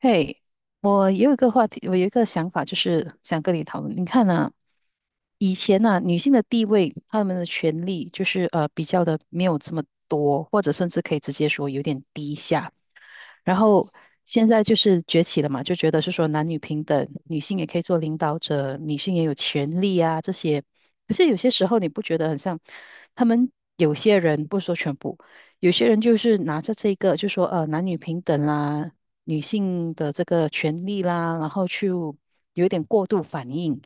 嘿，我有一个话题，我有一个想法，就是想跟你讨论。你看啊，以前呢、女性的地位，她们的权利就是比较的没有这么多，或者甚至可以直接说有点低下。然后现在就是崛起了嘛，就觉得是说男女平等，女性也可以做领导者，女性也有权利啊这些。可是有些时候你不觉得很像他们有些人，不说全部，有些人就是拿着这个，就说男女平等啦，女性的这个权利啦，然后去有一点过度反应。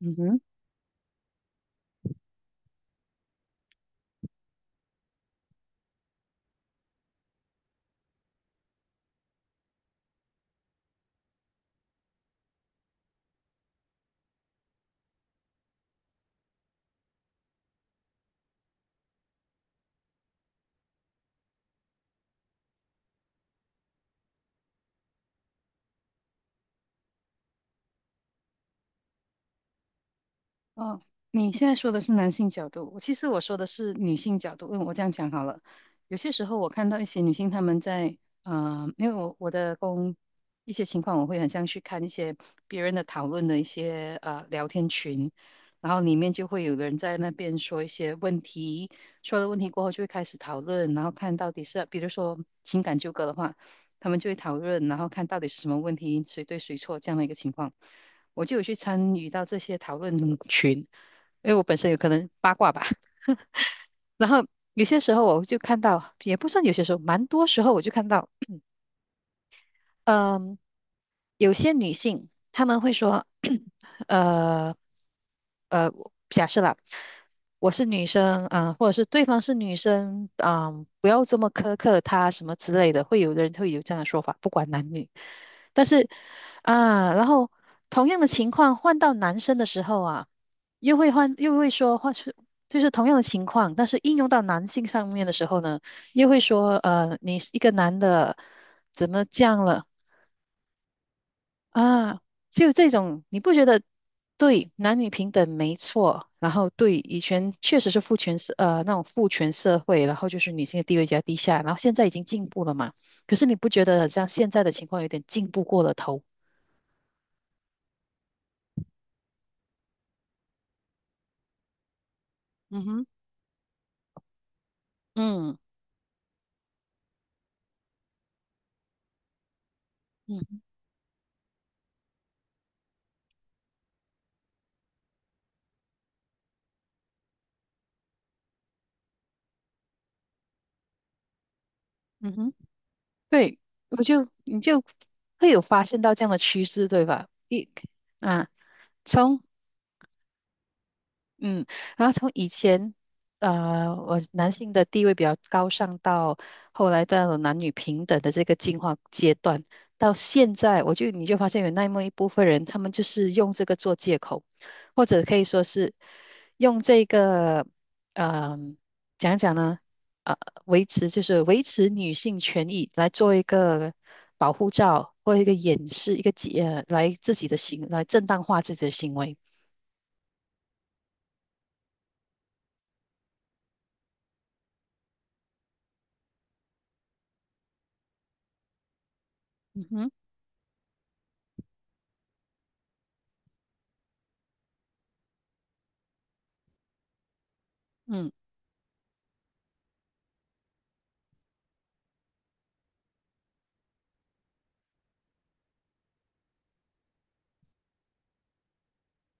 嗯哼。哦，你现在说的是男性角度，其实我说的是女性角度。嗯，我这样讲好了。有些时候我看到一些女性，她们在，因为我的工一些情况，我会很像去看一些别人的讨论的一些聊天群，然后里面就会有人在那边说一些问题，说了问题过后就会开始讨论，然后看到底是，比如说情感纠葛的话，他们就会讨论，然后看到底是什么问题，谁对谁错这样的一个情况。我就有去参与到这些讨论，因为我本身有可能八卦吧。然后有些时候我就看到，也不算有些时候，蛮多时候我就看到嗯，有些女性她们会说，呃呃，假设啦，我是女生，嗯、或者是对方是女生，嗯、不要这么苛刻她什么之类的，会有的人会有这样的说法，不管男女。但是啊，然后同样的情况换到男生的时候啊，又会说换是就是同样的情况，但是应用到男性上面的时候呢，又会说，你是一个男的怎么这样了？啊，就这种，你不觉得对男女平等没错？然后对以前确实是父权社那种父权社会，然后就是女性的地位比较低下，然后现在已经进步了嘛？可是你不觉得好像现在的情况有点进步过了头？嗯哼，嗯嗯，嗯哼，对，你就会有发现到这样的趋势，对吧？啊，从嗯，然后从以前，我男性的地位比较高尚，到后来到了男女平等的这个进化阶段，到现在，你就发现有那么一部分人，他们就是用这个做借口，或者可以说是用这个，嗯、讲一讲呢，呃，维持女性权益来做一个保护罩或一个掩饰，一个解，呃来自己的行，来正当化自己的行为。嗯哼，嗯，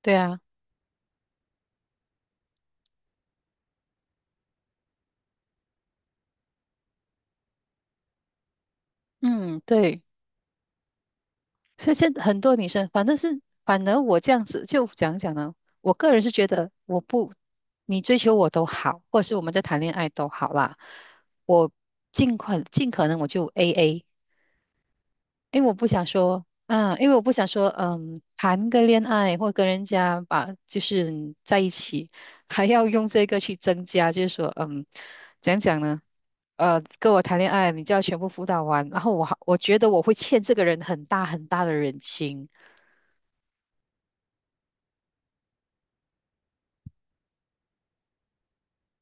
对啊。嗯，对，所以现在很多女生，反正是反而我这样子就讲讲呢，我个人是觉得我不，你追求我都好，或者是我们在谈恋爱都好啦，我尽快尽可能我就 AA，因为我不想说，嗯，因为我不想说，嗯，谈个恋爱或跟人家就是在一起，还要用这个去增加，就是说，嗯，讲讲呢，跟我谈恋爱，你就要全部辅导完，然后我觉得我会欠这个人很大很大的人情，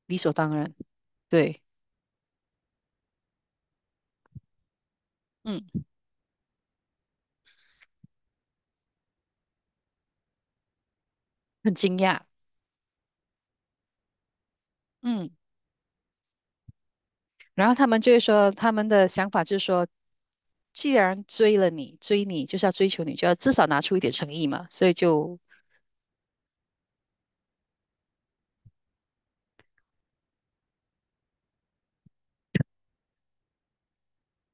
理所当然，对，嗯，很惊讶，嗯，然后他们就会说，他们的想法就是说，既然追了你，追你就是要追求你，就要至少拿出一点诚意嘛，所以就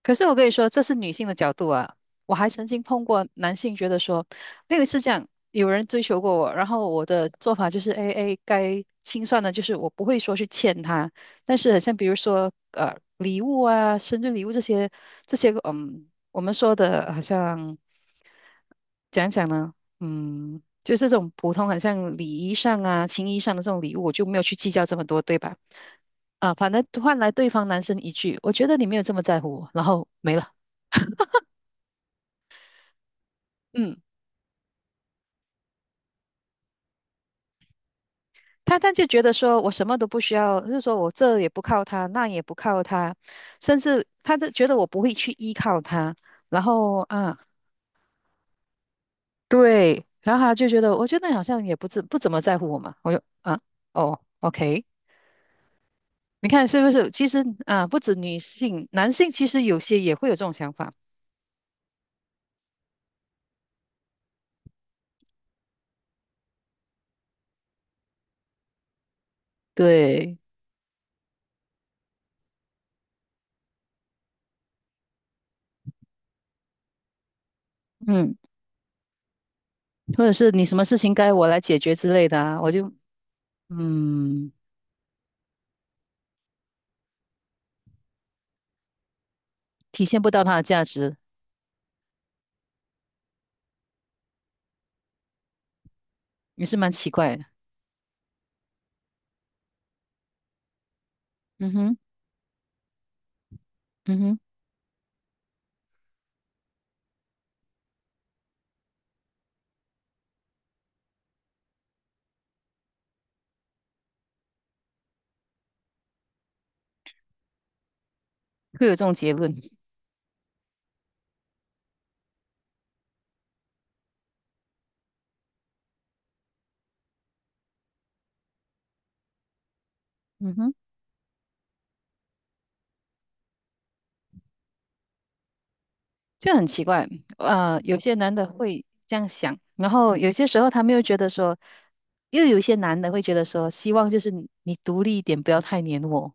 可是我跟你说，这是女性的角度啊。我还曾经碰过男性，觉得说，我有一次这样，有人追求过我，然后我的做法就是，A A 该清算的，就是我不会说去欠他，但是很像比如说，礼物啊，生日礼物这些，嗯，我们说的好像讲讲呢，嗯，就是这种普通，很像礼仪上啊、情谊上的这种礼物，我就没有去计较这么多，对吧？啊，反正换来对方男生一句“我觉得你没有这么在乎我”，然后没了。嗯，他就觉得说我什么都不需要，就是说我这也不靠他，那也不靠他，甚至他就觉得我不会去依靠他，然后啊，对，然后他就觉得我觉得你好像也不怎么在乎我嘛，我就啊，哦，OK，你看是不是？其实啊，不止女性，男性其实有些也会有这种想法，对，嗯，或者是你什么事情该我来解决之类的啊，我就嗯，体现不到它的价值，也是蛮奇怪的。嗯哼，嗯哼，会有这种结论。嗯哼，就很奇怪。有些男的会这样想，然后有些时候他们又觉得说，又有一些男的会觉得说，希望就是你独立一点，不要太黏我。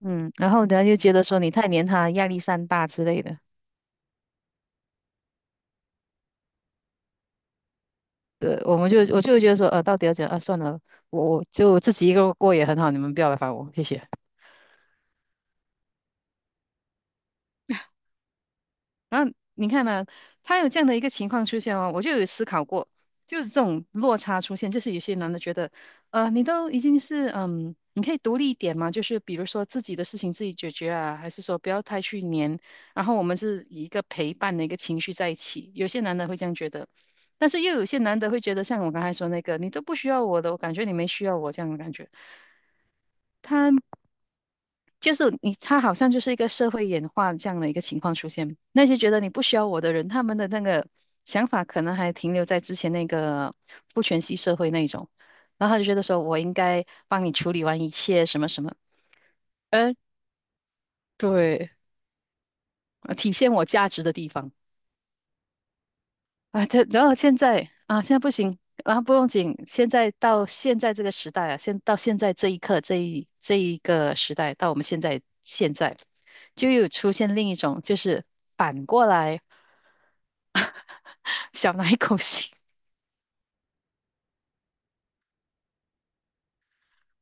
嗯，然后呢又觉得说你太黏他，压力山大之类的。对，我就会觉得说，到底要怎样啊？算了，我就自己一个人过也很好，你们不要来烦我，谢谢。然后你看呢、他有这样的一个情况出现哦，我就有思考过，就是这种落差出现，就是有些男的觉得，你都已经是嗯，你可以独立一点嘛，就是比如说自己的事情自己解决啊，还是说不要太去黏，然后我们是以一个陪伴的一个情绪在一起，有些男的会这样觉得，但是又有些男的会觉得，像我刚才说那个，你都不需要我的，我感觉你没需要我这样的感觉。就是你，他好像就是一个社会演化这样的一个情况出现。那些觉得你不需要我的人，他们的那个想法可能还停留在之前那个父权系社会那一种，然后他就觉得说我应该帮你处理完一切什么什么，呃，对，呃体现我价值的地方。啊，这然后现在啊，现在不行啊，不用紧，现在到现在这个时代啊，到现在这一刻，这一个时代，到我们现在现在，就有出现另一种，就是反过来 小奶狗型。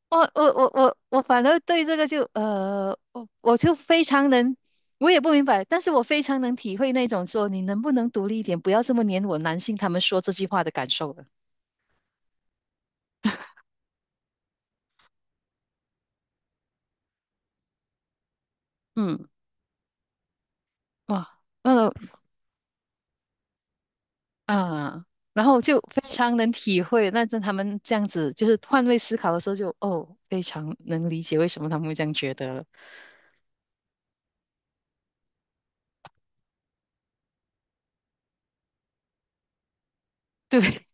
我反而对这个就，我就非常能，我也不明白，但是我非常能体会那种说你能不能独立一点，不要这么黏我男性他们说这句话的感受了。嗯，哇。嗯，啊，然后就非常能体会，那在他们这样子就是换位思考的时候就，哦，非常能理解为什么他们会这样觉得了对，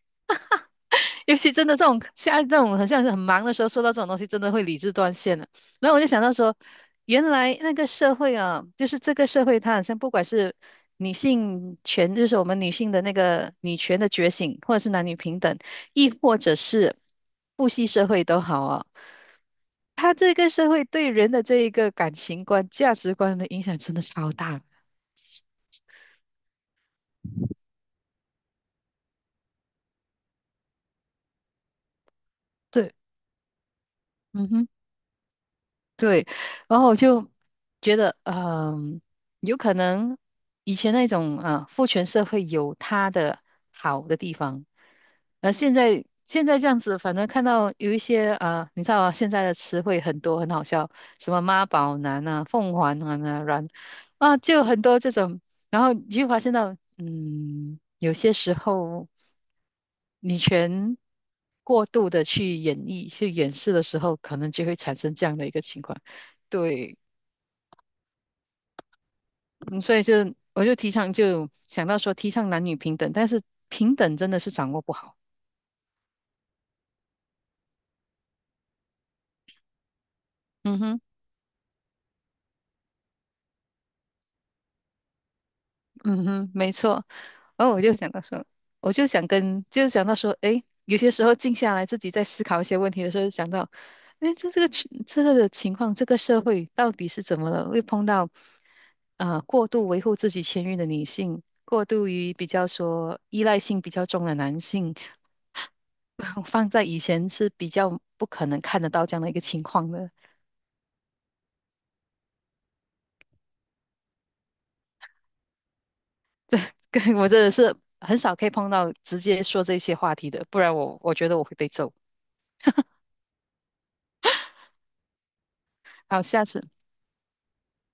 尤其真的这种现在这种很像是很忙的时候，收到这种东西，真的会理智断线了。然后我就想到说，原来那个社会啊，就是这个社会，它好像不管是女性权，就是我们女性的那个女权的觉醒，或者是男女平等，亦或者是父系社会都好啊，它这个社会对人的这一个感情观、价值观的影响真的超大。对，嗯哼。对，然后我就觉得，嗯，有可能以前那种啊父权社会有它的好的地方，现在现在这样子，反正看到有一些啊，你知道啊，现在的词汇很多，很好笑，什么妈宝男啊、凤凰男啊、软啊，就很多这种，然后你就发现到，嗯，有些时候。女权过度的去演绎、去演示的时候，可能就会产生这样的一个情况。对，嗯所以我就提倡，就想到说提倡男女平等，但是平等真的是掌握不好。嗯哼，嗯哼，没错。然后我就想到说，我就想跟，就想到说，诶，有些时候静下来，自己在思考一些问题的时候，想到，诶，这个群这个的情况，这个社会到底是怎么了？会碰到，过度维护自己权益的女性，过度于比较说依赖性比较重的男性，放在以前是比较不可能看得到这样的一个情况的。对，我真的是很少可以碰到直接说这些话题的，不然我觉得我会被揍。好，下次，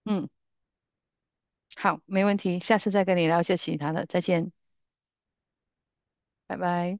嗯。好，没问题，下次再跟你聊一些其他的，再见，拜拜。